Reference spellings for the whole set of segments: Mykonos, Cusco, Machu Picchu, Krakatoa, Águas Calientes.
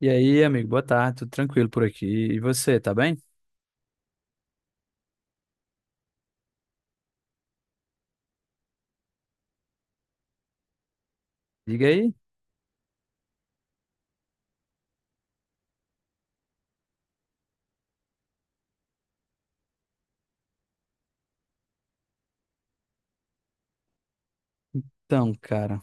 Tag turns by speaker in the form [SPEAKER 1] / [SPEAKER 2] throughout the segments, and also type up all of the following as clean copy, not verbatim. [SPEAKER 1] E aí, amigo, boa tarde, tudo tranquilo por aqui. E você, tá bem? Diga aí. Então, cara,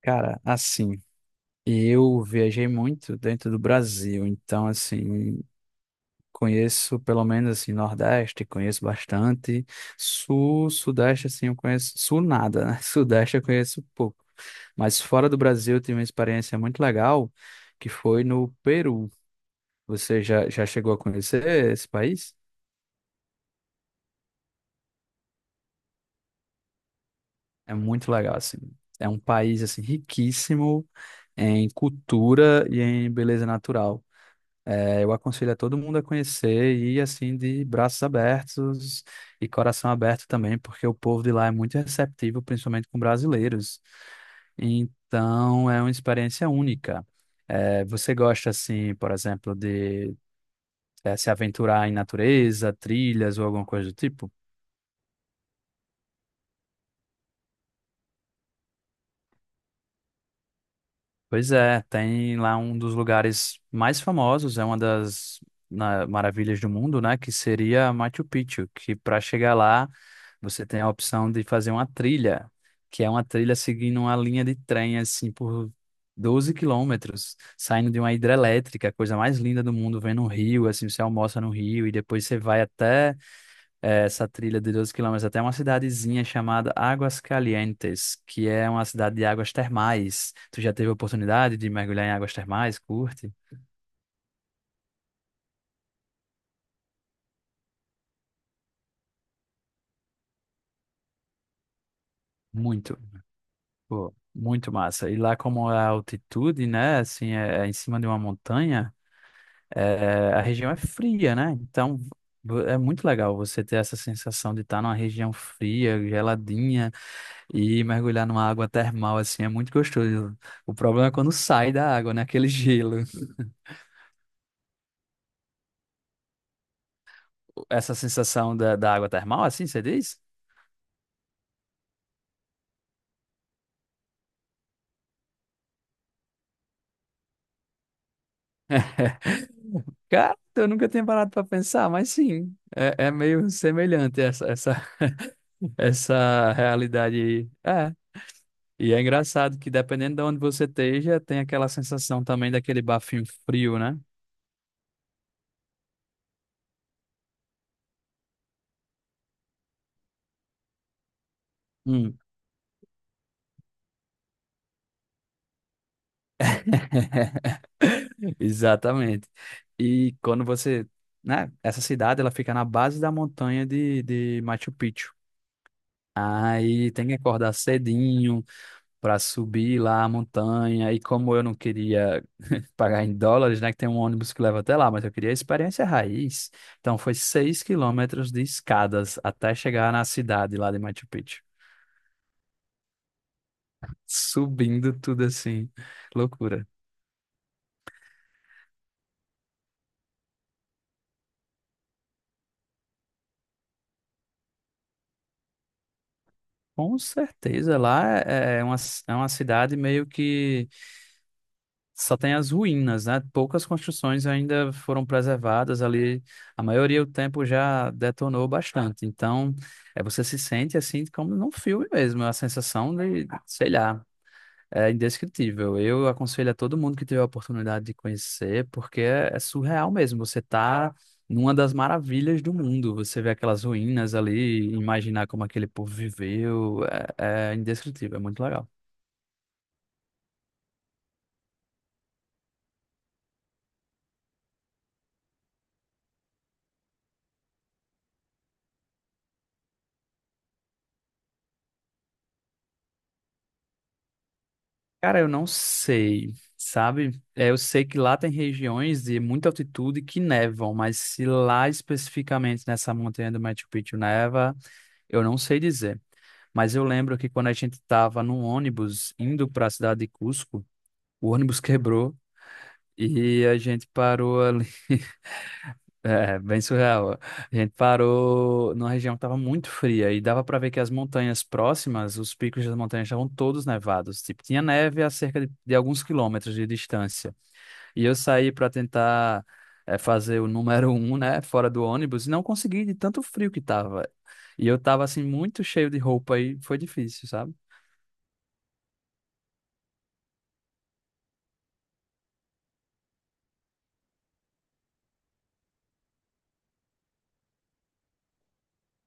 [SPEAKER 1] cara, assim, eu viajei muito dentro do Brasil, então, assim, conheço pelo menos, assim, Nordeste, conheço bastante, Sul, Sudeste, assim, eu conheço, Sul nada, né? Sudeste eu conheço pouco, mas fora do Brasil eu tive uma experiência muito legal, que foi no Peru. Você já chegou a conhecer esse país? É muito legal, assim. É um país, assim, riquíssimo em cultura e em beleza natural. É, eu aconselho a todo mundo a conhecer e, ir, assim, de braços abertos e coração aberto também, porque o povo de lá é muito receptivo, principalmente com brasileiros. Então, é uma experiência única. É, você gosta, assim, por exemplo, de, se aventurar em natureza, trilhas ou alguma coisa do tipo? Pois é, tem lá um dos lugares mais famosos, é uma das maravilhas do mundo, né? Que seria Machu Picchu, que para chegar lá você tem a opção de fazer uma trilha, que é uma trilha seguindo uma linha de trem, assim, por 12 km, saindo de uma hidrelétrica, a coisa mais linda do mundo, vendo um rio, assim, você almoça no rio e depois você vai até é, essa trilha de 12 km até uma cidadezinha chamada Águas Calientes, que é uma cidade de águas termais. Tu já teve a oportunidade de mergulhar em águas termais? Curte? Muito, pô, muito massa. E lá como a altitude, né, assim, é em cima de uma montanha, é, a região é fria, né? Então é muito legal você ter essa sensação de estar numa região fria, geladinha e mergulhar numa água termal, assim, é muito gostoso. O problema é quando sai da água, né? Aquele gelo. Essa sensação da água termal, assim, você diz? Cara, eu nunca tinha parado para pensar, mas sim, é, é meio semelhante essa realidade aí. É, e é engraçado que dependendo de onde você esteja, tem aquela sensação também daquele bafinho frio, né? Hum. Exatamente. E quando você, né, essa cidade, ela fica na base da montanha de Machu Picchu. Aí tem que acordar cedinho, para subir lá a montanha. E como eu não queria pagar em dólares, né, que tem um ônibus que leva até lá, mas eu queria a experiência raiz. Então foi 6 km de escadas até chegar na cidade lá de Machu Picchu. Subindo tudo assim, loucura. Com certeza, lá é uma, é uma cidade meio que só tem as ruínas, né? Poucas construções ainda foram preservadas ali. A maioria do tempo já detonou bastante. Então, é, você se sente assim como num filme mesmo, a sensação de, sei lá, é indescritível. Eu aconselho a todo mundo que tiver a oportunidade de conhecer, porque é, é surreal mesmo. Você tá numa das maravilhas do mundo. Você vê aquelas ruínas ali, imaginar como aquele povo viveu, é, é indescritível, é muito legal. Cara, eu não sei, sabe? É, eu sei que lá tem regiões de muita altitude que nevam, mas se lá especificamente nessa montanha do Machu Picchu neva, eu não sei dizer. Mas eu lembro que quando a gente estava no ônibus indo para a cidade de Cusco, o ônibus quebrou e a gente parou ali é, bem surreal. A gente parou numa região que estava muito fria e dava para ver que as montanhas próximas, os picos das montanhas estavam todos nevados. Tipo, tinha neve a cerca de alguns quilômetros de distância. E eu saí para tentar fazer o número um, né, fora do ônibus e não consegui de tanto frio que tava. E eu tava assim muito cheio de roupa e foi difícil, sabe?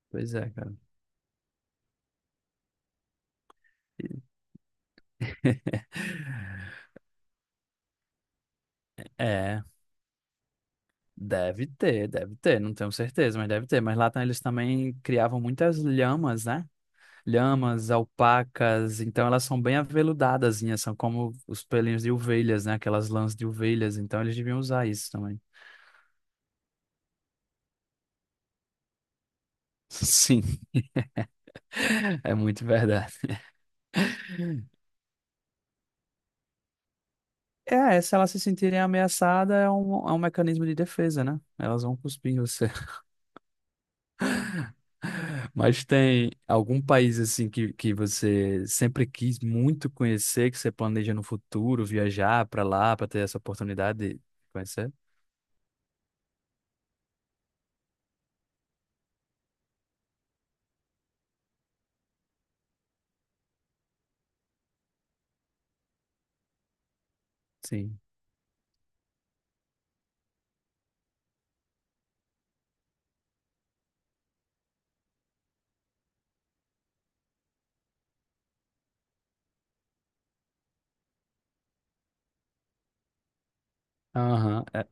[SPEAKER 1] Pois é, cara. É, deve ter, não tenho certeza, mas deve ter. Mas lá eles também criavam muitas lhamas, né? Lhamas, alpacas, então elas são bem aveludadas, são como os pelinhos de ovelhas, né? Aquelas lãs de ovelhas, então eles deviam usar isso também. Sim, é muito verdade. É, se elas se sentirem ameaçadas, é um mecanismo de defesa, né? Elas vão cuspir em você. Mas tem algum país, assim, que você sempre quis muito conhecer, que você planeja no futuro viajar para lá, para ter essa oportunidade de conhecer? Sim. Aham, é,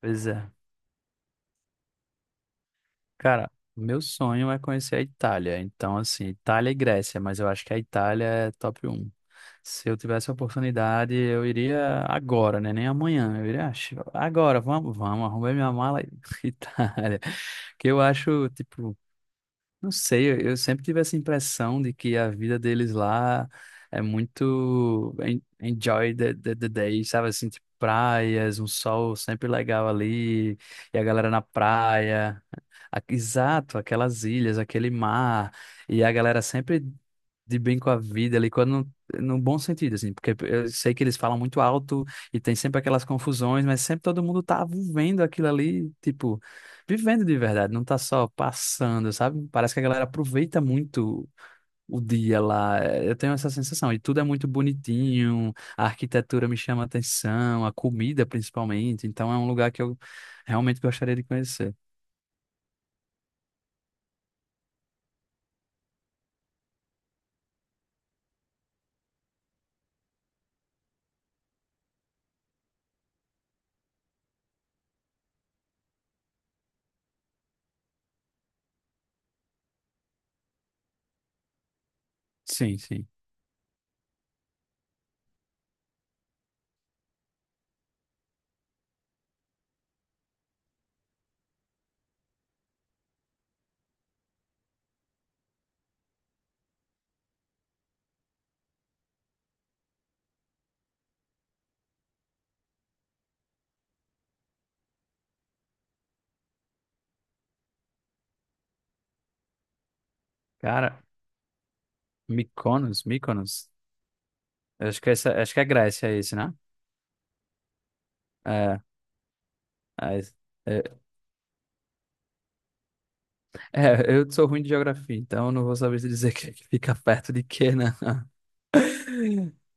[SPEAKER 1] pois é. Cara, meu sonho é conhecer a Itália. Então, assim, Itália e Grécia, mas eu acho que a Itália é top um. Se eu tivesse a oportunidade, eu iria agora, né? Nem amanhã. Eu iria, "Ah, agora, vamos, arrumei minha mala e Itália." Que eu acho, tipo. Não sei, eu sempre tive essa impressão de que a vida deles lá é muito enjoy the day, sabe? Assim, tipo, praias, um sol sempre legal ali, e a galera na praia. Exato, aquelas ilhas, aquele mar, e a galera sempre de bem com a vida ali, quando no bom sentido, assim, porque eu sei que eles falam muito alto e tem sempre aquelas confusões, mas sempre todo mundo tá vivendo aquilo ali, tipo vivendo de verdade, não tá só passando, sabe? Parece que a galera aproveita muito o dia lá. É, eu tenho essa sensação. E tudo é muito bonitinho, a arquitetura me chama a atenção, a comida principalmente. Então é um lugar que eu realmente gostaria de conhecer. Sim, sim. Cara, Mykonos. Eu acho que essa, acho que é Grécia esse, né? É, é, esse. É, é, eu sou ruim de geografia, então eu não vou saber se dizer que fica perto de quê, né?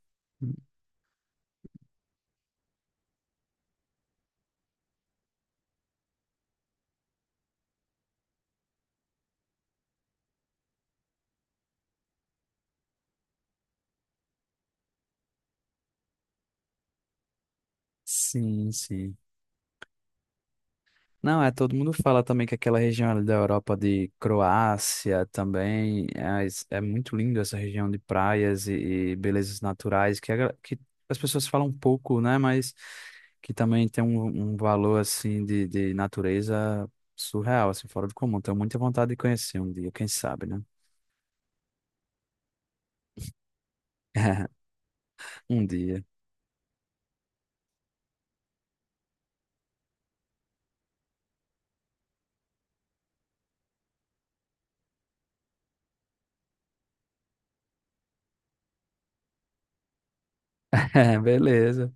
[SPEAKER 1] Sim, sim. Não, é, todo mundo fala também que aquela região ali da Europa de Croácia também é, é muito lindo essa região de praias e belezas naturais que, que as pessoas falam um pouco, né? Mas que também tem um, um valor assim de natureza surreal, assim, fora do comum. Tenho muita vontade de conhecer um dia, quem sabe, né? Um dia. Beleza.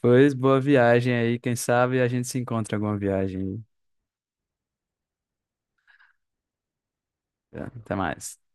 [SPEAKER 1] Pois boa viagem aí, quem sabe a gente se encontra em alguma viagem. Tá, até mais.